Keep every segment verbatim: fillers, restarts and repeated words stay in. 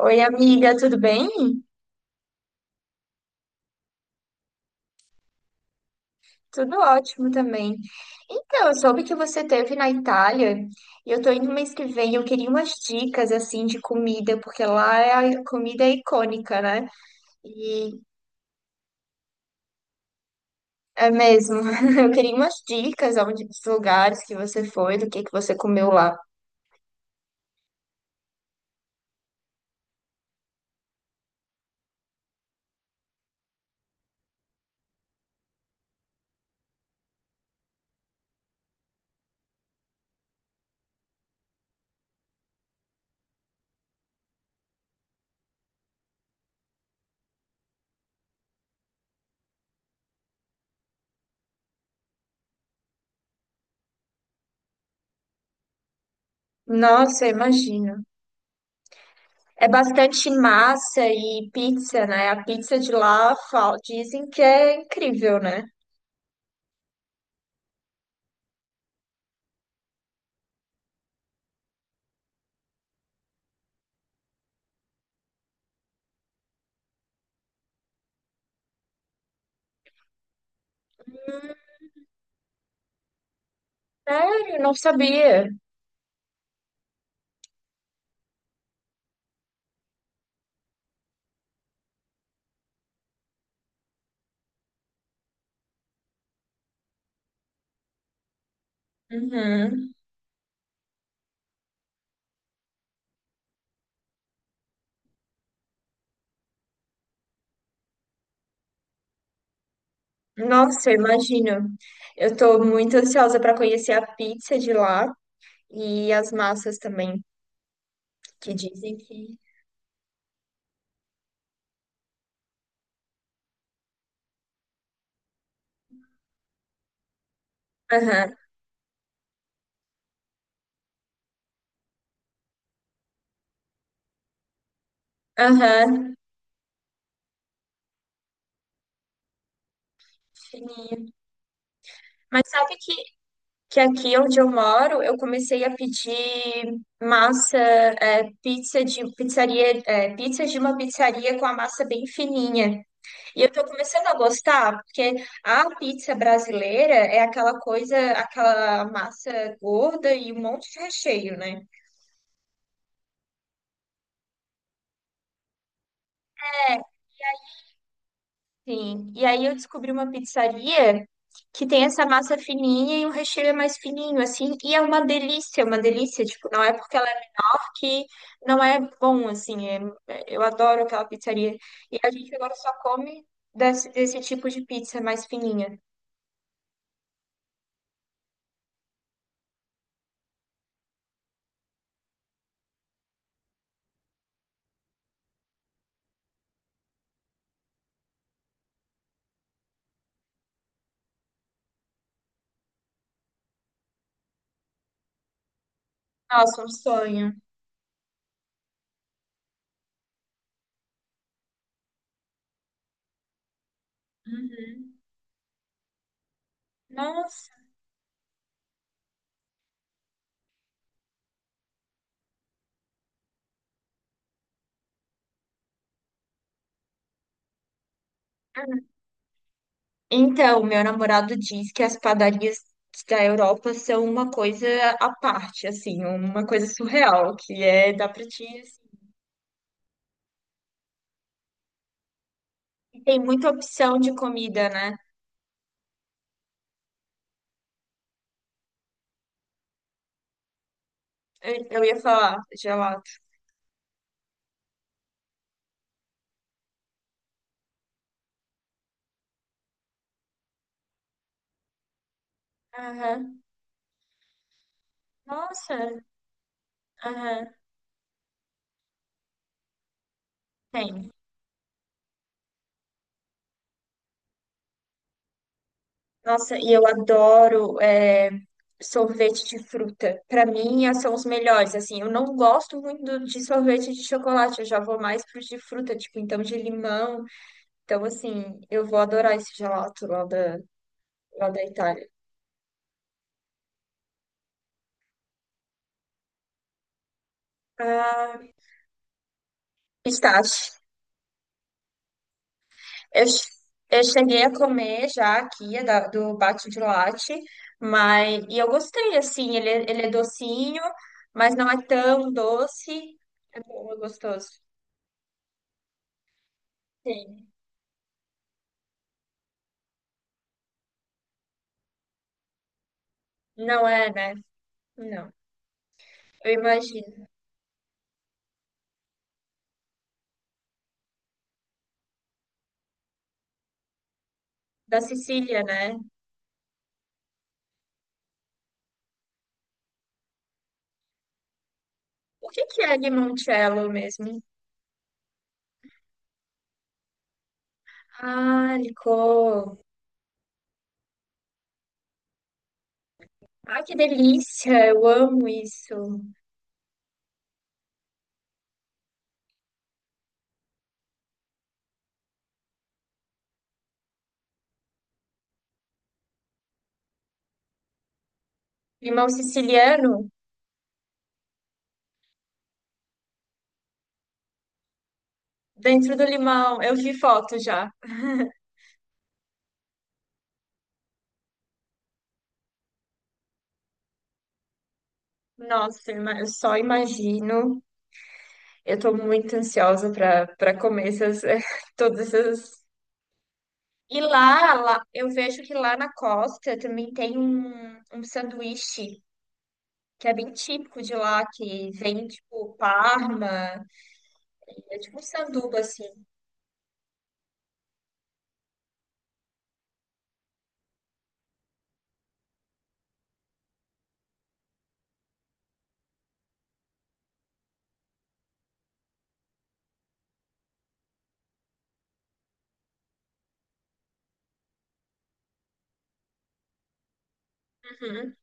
Oi, amiga, tudo bem? Tudo ótimo também. Então, eu soube que você esteve na Itália e eu tô indo mês que vem. Eu queria umas dicas assim de comida, porque lá é a comida é icônica, né? E é mesmo. Eu queria umas dicas onde, dos lugares que você foi, do que que você comeu lá. Nossa, eu imagino. É bastante massa e pizza, né? A pizza de lá fal- dizem que é incrível, né? Sério, não sabia. Uhum. Nossa, eu imagino. Eu tô muito ansiosa para conhecer a pizza de lá e as massas também, que dizem que. Aham, aham, fininho. Mas sabe que, que aqui onde eu moro, eu comecei a pedir massa, é, pizza de pizzaria, é, pizza de uma pizzaria com a massa bem fininha. E eu tô começando a gostar, porque a pizza brasileira é aquela coisa, aquela massa gorda e um monte de recheio, né? Sim. E aí eu descobri uma pizzaria que tem essa massa fininha e o recheio é mais fininho, assim, e é uma delícia, é uma delícia, tipo, não é porque ela é que não é bom, assim, é- é- eu adoro aquela pizzaria. E a gente agora só come desse, desse tipo de pizza mais fininha. Nossa, um sonho. Uhum. Nossa. Então, meu namorado diz que as padarias da Europa são uma coisa à parte, assim, uma coisa surreal, que é, dá pra ti E tem muita opção de comida, né? Eu, eu ia falar gelato. Aham. Nossa, aham, tem. Nossa, e eu adoro é, sorvete de fruta. Pra mim, é- são os melhores. Assim, eu não gosto muito do- de sorvete de chocolate. Eu já vou mais pros de fruta, tipo, então de limão. Então, assim, eu vou adorar esse gelato lá da, lá da Itália. Ah, pistache. Eu, eu cheguei a comer já aqui, é da- do bate de latte, mas e eu gostei, assim, ele, é- ele é docinho, mas não é tão doce. É bom, é gostoso. Sim. Não é, né? Não. Eu imagino. Da Sicília, né? O que que é limoncello mesmo? Ah, licor. Ai, que delícia! Eu amo isso. Limão siciliano dentro do limão. Eu vi foto já. Nossa, eu ima- eu só imagino. Eu tô muito ansiosa para para comer essas, todas essas. E lá, lá, eu vejo que lá na costa também tem um, um sanduíche que é bem típico de lá, que vem tipo Parma, é tipo um sanduba assim. Uhum,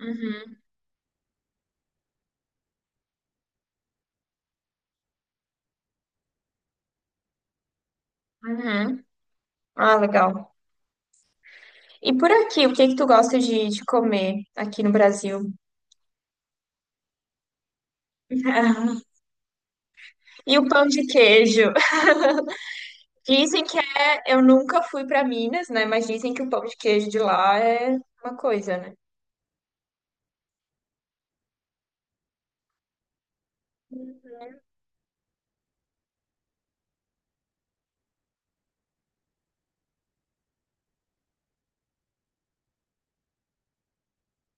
uhum, uhum. Ah, legal. E por aqui, o que que tu gosta de, de comer aqui no Brasil? E o pão de queijo? Dizem que é, eu nunca fui para Minas, né? Mas dizem que o pão de queijo de lá é uma coisa, né?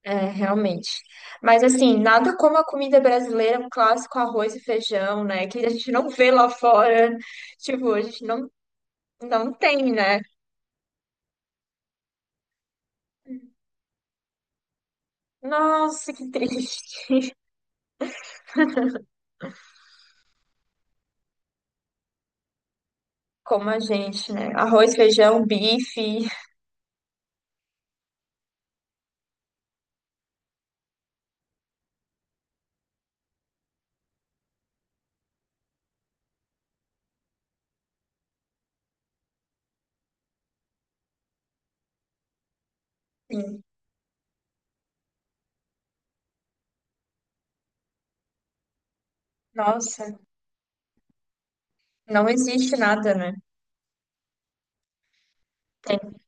É, realmente. Mas assim, nada como a comida brasileira, um clássico arroz e feijão, né? Que a gente não vê lá fora. Tipo, a gente não, não tem, né? Nossa, que triste. Como a gente, né? Arroz, feijão, bife. Sim. Nossa, não existe nada, né? Tem.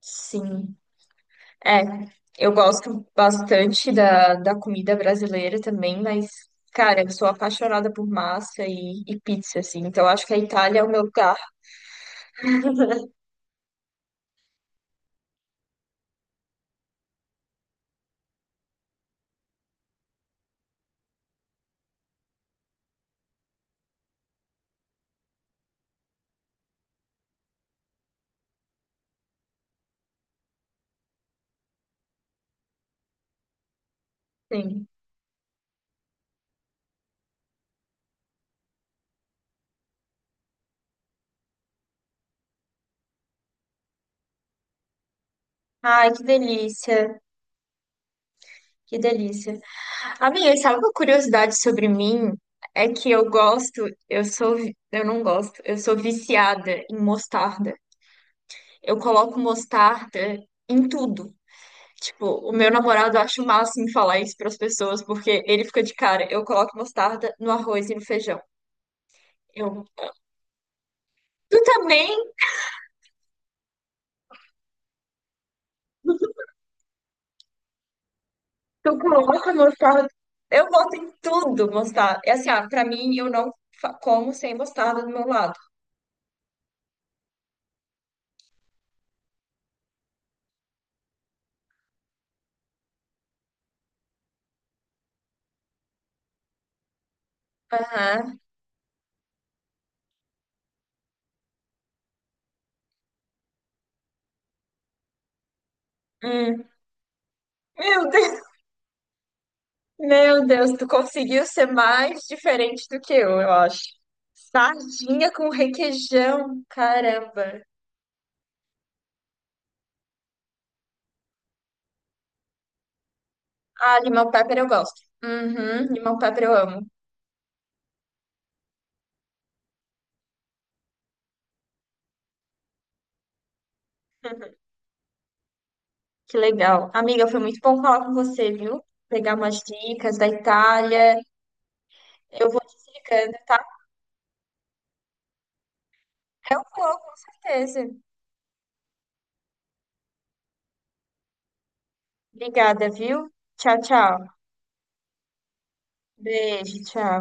Sim. É, eu gosto bastante da, da comida brasileira também, mas, cara, eu sou apaixonada por massa e, e pizza, assim. Então, eu acho que a Itália é o meu lugar. Sim. Ai, que delícia, que delícia. Amiga, sabe uma curiosidade sobre mim? É que eu gosto, eu sou, vi- eu não gosto, eu sou viciada em mostarda. Eu coloco mostarda em tudo. Tipo, o meu namorado acha o máximo falar isso para as pessoas, porque ele fica de cara. Eu coloco mostarda no arroz e no feijão. Eu, tu também? Tu coloca mostarda? Eu boto em tudo mostarda. É assim, ah, pra mim, eu não fa- como sem mostarda do meu lado. Aham. Meu Deus, meu Deus, tu conseguiu ser mais diferente do que eu, eu acho. Sardinha com requeijão, caramba. Ah, limão pepper eu gosto. Uhum, limão pepper eu amo. Que legal. Amiga, foi muito bom falar com você, viu? Pegar umas dicas da Itália. Eu vou desligando, tá? Eu vou, com certeza. Obrigada, viu? Tchau, tchau. Beijo, tchau.